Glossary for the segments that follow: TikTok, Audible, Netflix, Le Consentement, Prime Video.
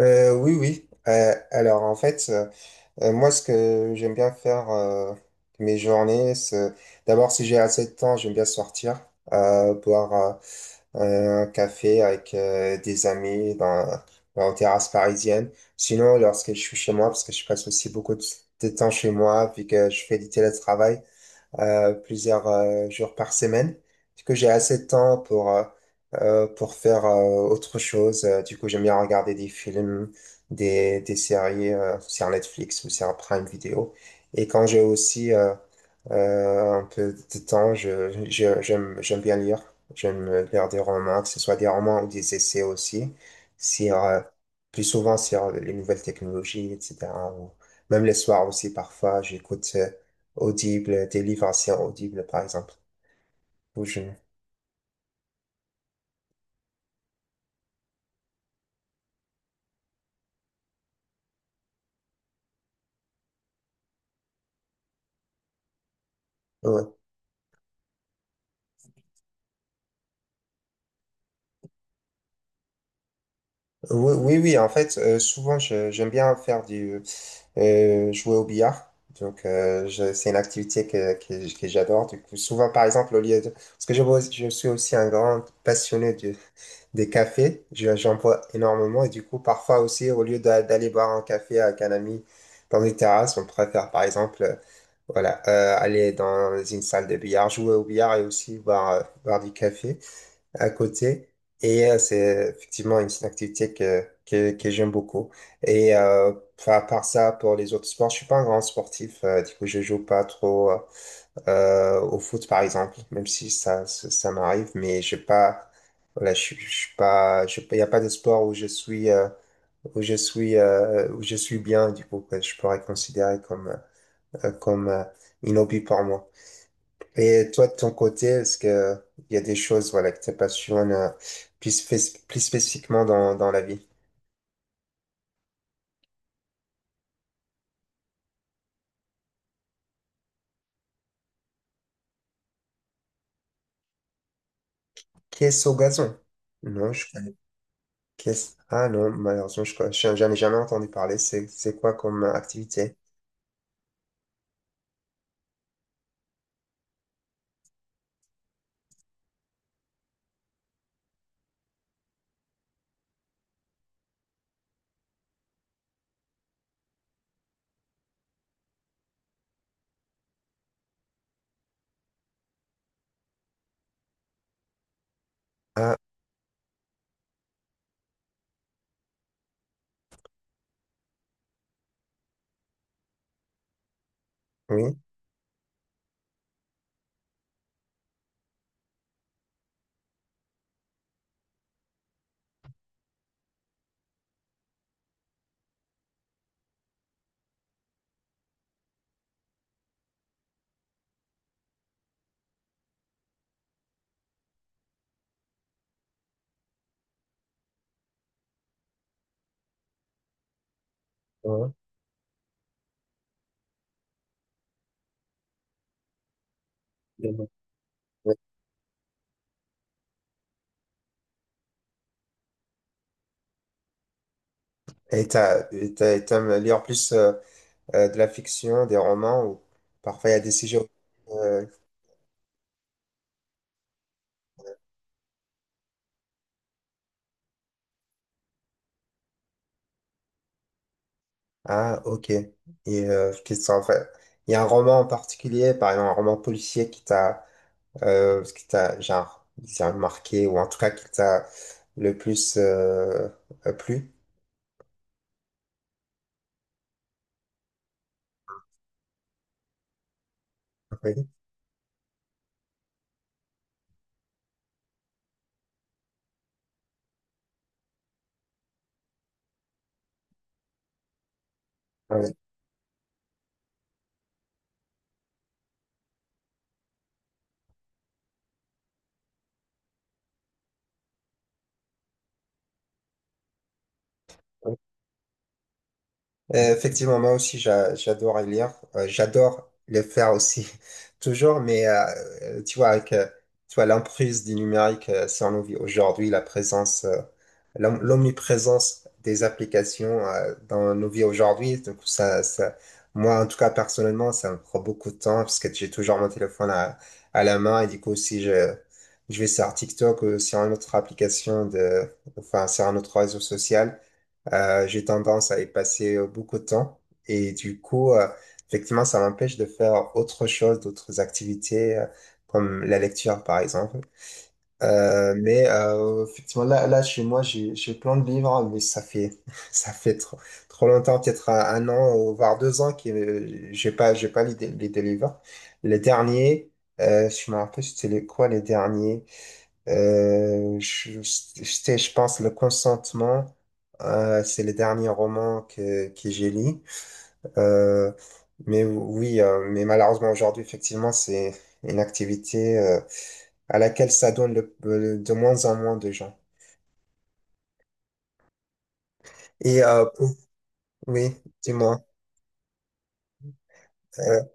Oui, oui. Alors en fait, moi ce que j'aime bien faire de mes journées, c'est d'abord si j'ai assez de temps, j'aime bien sortir, boire un café avec des amis dans une terrasse parisienne. Sinon, lorsque je suis chez moi, parce que je passe aussi beaucoup de temps chez moi, vu que je fais du télétravail, plusieurs jours par semaine. Du coup, j'ai assez de temps pour faire autre chose. Du coup, j'aime bien regarder des films, des séries sur Netflix ou sur Prime Video. Et quand j'ai aussi un peu de temps, j'aime bien lire. J'aime lire des romans, que ce soit des romans ou des essais aussi, sur, euh, plus souvent sur les nouvelles technologies, etc. Ou même les soirs aussi, parfois, j'écoute Audible, des livres anciens Audible, par exemple. Ou je- ouais. Oui, oui, oui, en fait, souvent, j'aime bien jouer au billard. Donc, c'est une activité que j'adore. Du coup, souvent, par exemple, au lieu de... Parce que je suis aussi un grand passionné des cafés. J'en bois énormément. Et du coup, parfois aussi, au lieu d'aller boire un café avec un ami dans une terrasse, on préfère, par exemple, voilà, aller dans une salle de billard, jouer au billard et aussi boire du café à côté. C'est effectivement une activité que j'aime beaucoup. Et euh, à part ça, pour les autres sports, je suis pas un grand sportif. Du coup, je joue pas trop au foot, par exemple, même si ça m'arrive. Mais j'ai pas, voilà, je suis pas, il n'y a pas de sport où je suis, où je suis bien. Du coup, que je pourrais considérer comme un hobby pour moi. Et toi, de ton côté, est-ce que il y a des choses, voilà, que te passionnent plus, plus spécifiquement dans la vie? Qu'est-ce au gazon? Non, je connais. Qu'est-ce... Ah non, malheureusement, je connais. J'en ai jamais entendu parler. C'est quoi comme activité? Ah oui. Ouais, ouais, ouais. Et t'aimes lire plus de la fiction, des romans, ou parfois il y a des sujets. euh, Ah ok. Et qu'est-ce que ça en fait? Il y a un roman en particulier, par exemple un roman policier qui t'a ce qui t'a, genre, disons, marqué, ou en tout cas, qui t'a le plus plu. Oui. Ouais. Effectivement, moi aussi, j'adore lire. J'adore le faire aussi, toujours, mais tu vois, l'emprise du numérique, si on nous vit aujourd'hui, la présence. L'omniprésence des applications dans nos vies aujourd'hui. Donc moi, en tout cas, personnellement, ça me prend beaucoup de temps parce que j'ai toujours mon téléphone à la main et du coup, si je, je vais sur TikTok ou sur une autre application de, enfin, sur un autre réseau social, j'ai tendance à y passer beaucoup de temps et du coup, effectivement, ça m'empêche de faire autre chose, d'autres activités comme la lecture, par exemple. Effectivement, là, chez moi, j'ai plein de livres, hein, mais ça fait trop longtemps, peut-être un an ou voire deux ans que j'ai pas lu des livres. Les derniers, je me rappelle, c'était les- quoi les derniers? C'était, je pense, Le Consentement. C'est le dernier roman que j'ai lu. Euh, oui, malheureusement aujourd'hui, effectivement, c'est une activité à laquelle ça donne de moins en moins de gens. Et euh, pour- oui, dis-moi, euh,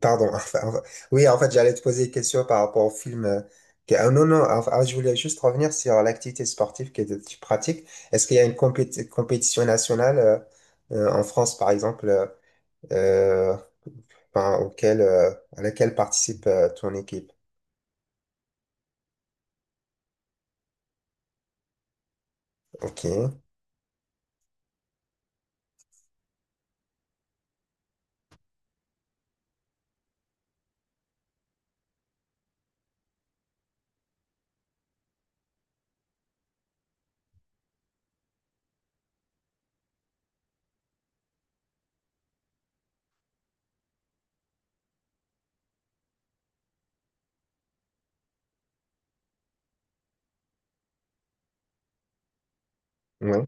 pardon. Oui, en fait, j'allais te poser une question par rapport au film. Ah, non, non, enfin, je voulais juste revenir sur l'activité sportive que tu pratiques. Est-ce qu'il y a une compétition nationale en France, par exemple, euh, enfin, auquel, à laquelle participe ton équipe? Ok. Oui.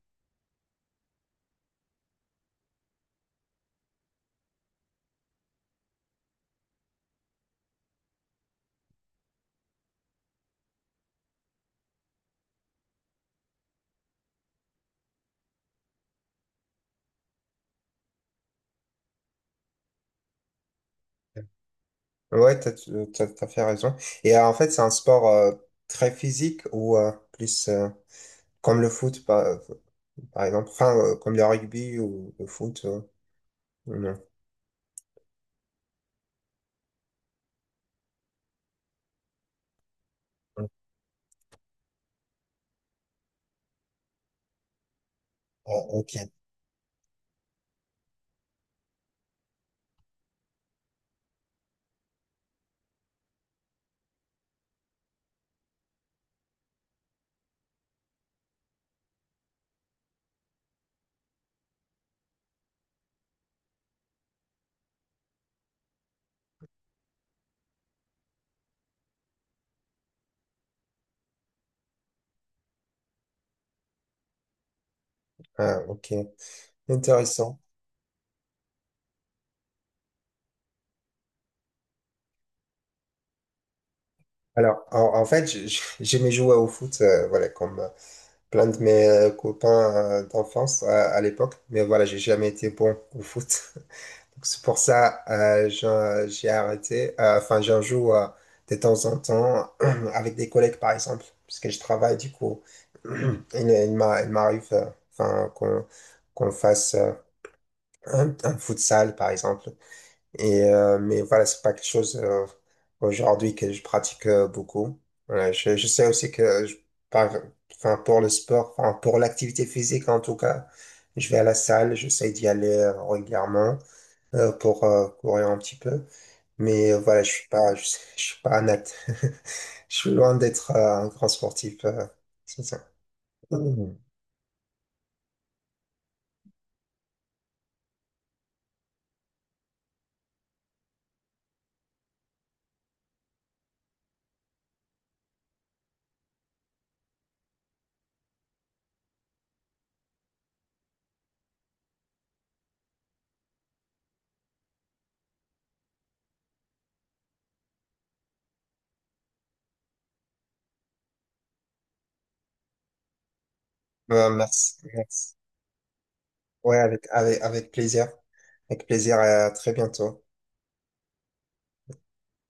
Ouais, t'as fait raison. Et en fait, c'est un sport très physique ou plus comme le foot, par exemple, enfin, comme le rugby ou le foot. Non. Ah, ok. Ah, ok, intéressant. Alors, en fait, j'aimais jouer au foot, voilà, comme plein de mes copains d'enfance à l'époque, mais voilà, j'ai jamais été bon au foot. Donc, c'est pour ça j'ai arrêté. Enfin, j'en joue de temps en temps avec des collègues, par exemple, parce que je travaille du coup. Il m'arrive enfin, qu'on fasse un futsal, par exemple. Et, mais voilà, c'est pas quelque chose aujourd'hui que je pratique beaucoup. Voilà, je sais aussi que je, par, enfin, pour le sport, enfin, pour l'activité physique en tout cas, je vais à la salle, j'essaie d'y aller régulièrement pour courir un petit peu. Voilà, je suis pas un je suis loin d'être un grand sportif. C'est ça. Mhm. Merci. Ouais, avec plaisir. Avec plaisir et à très bientôt.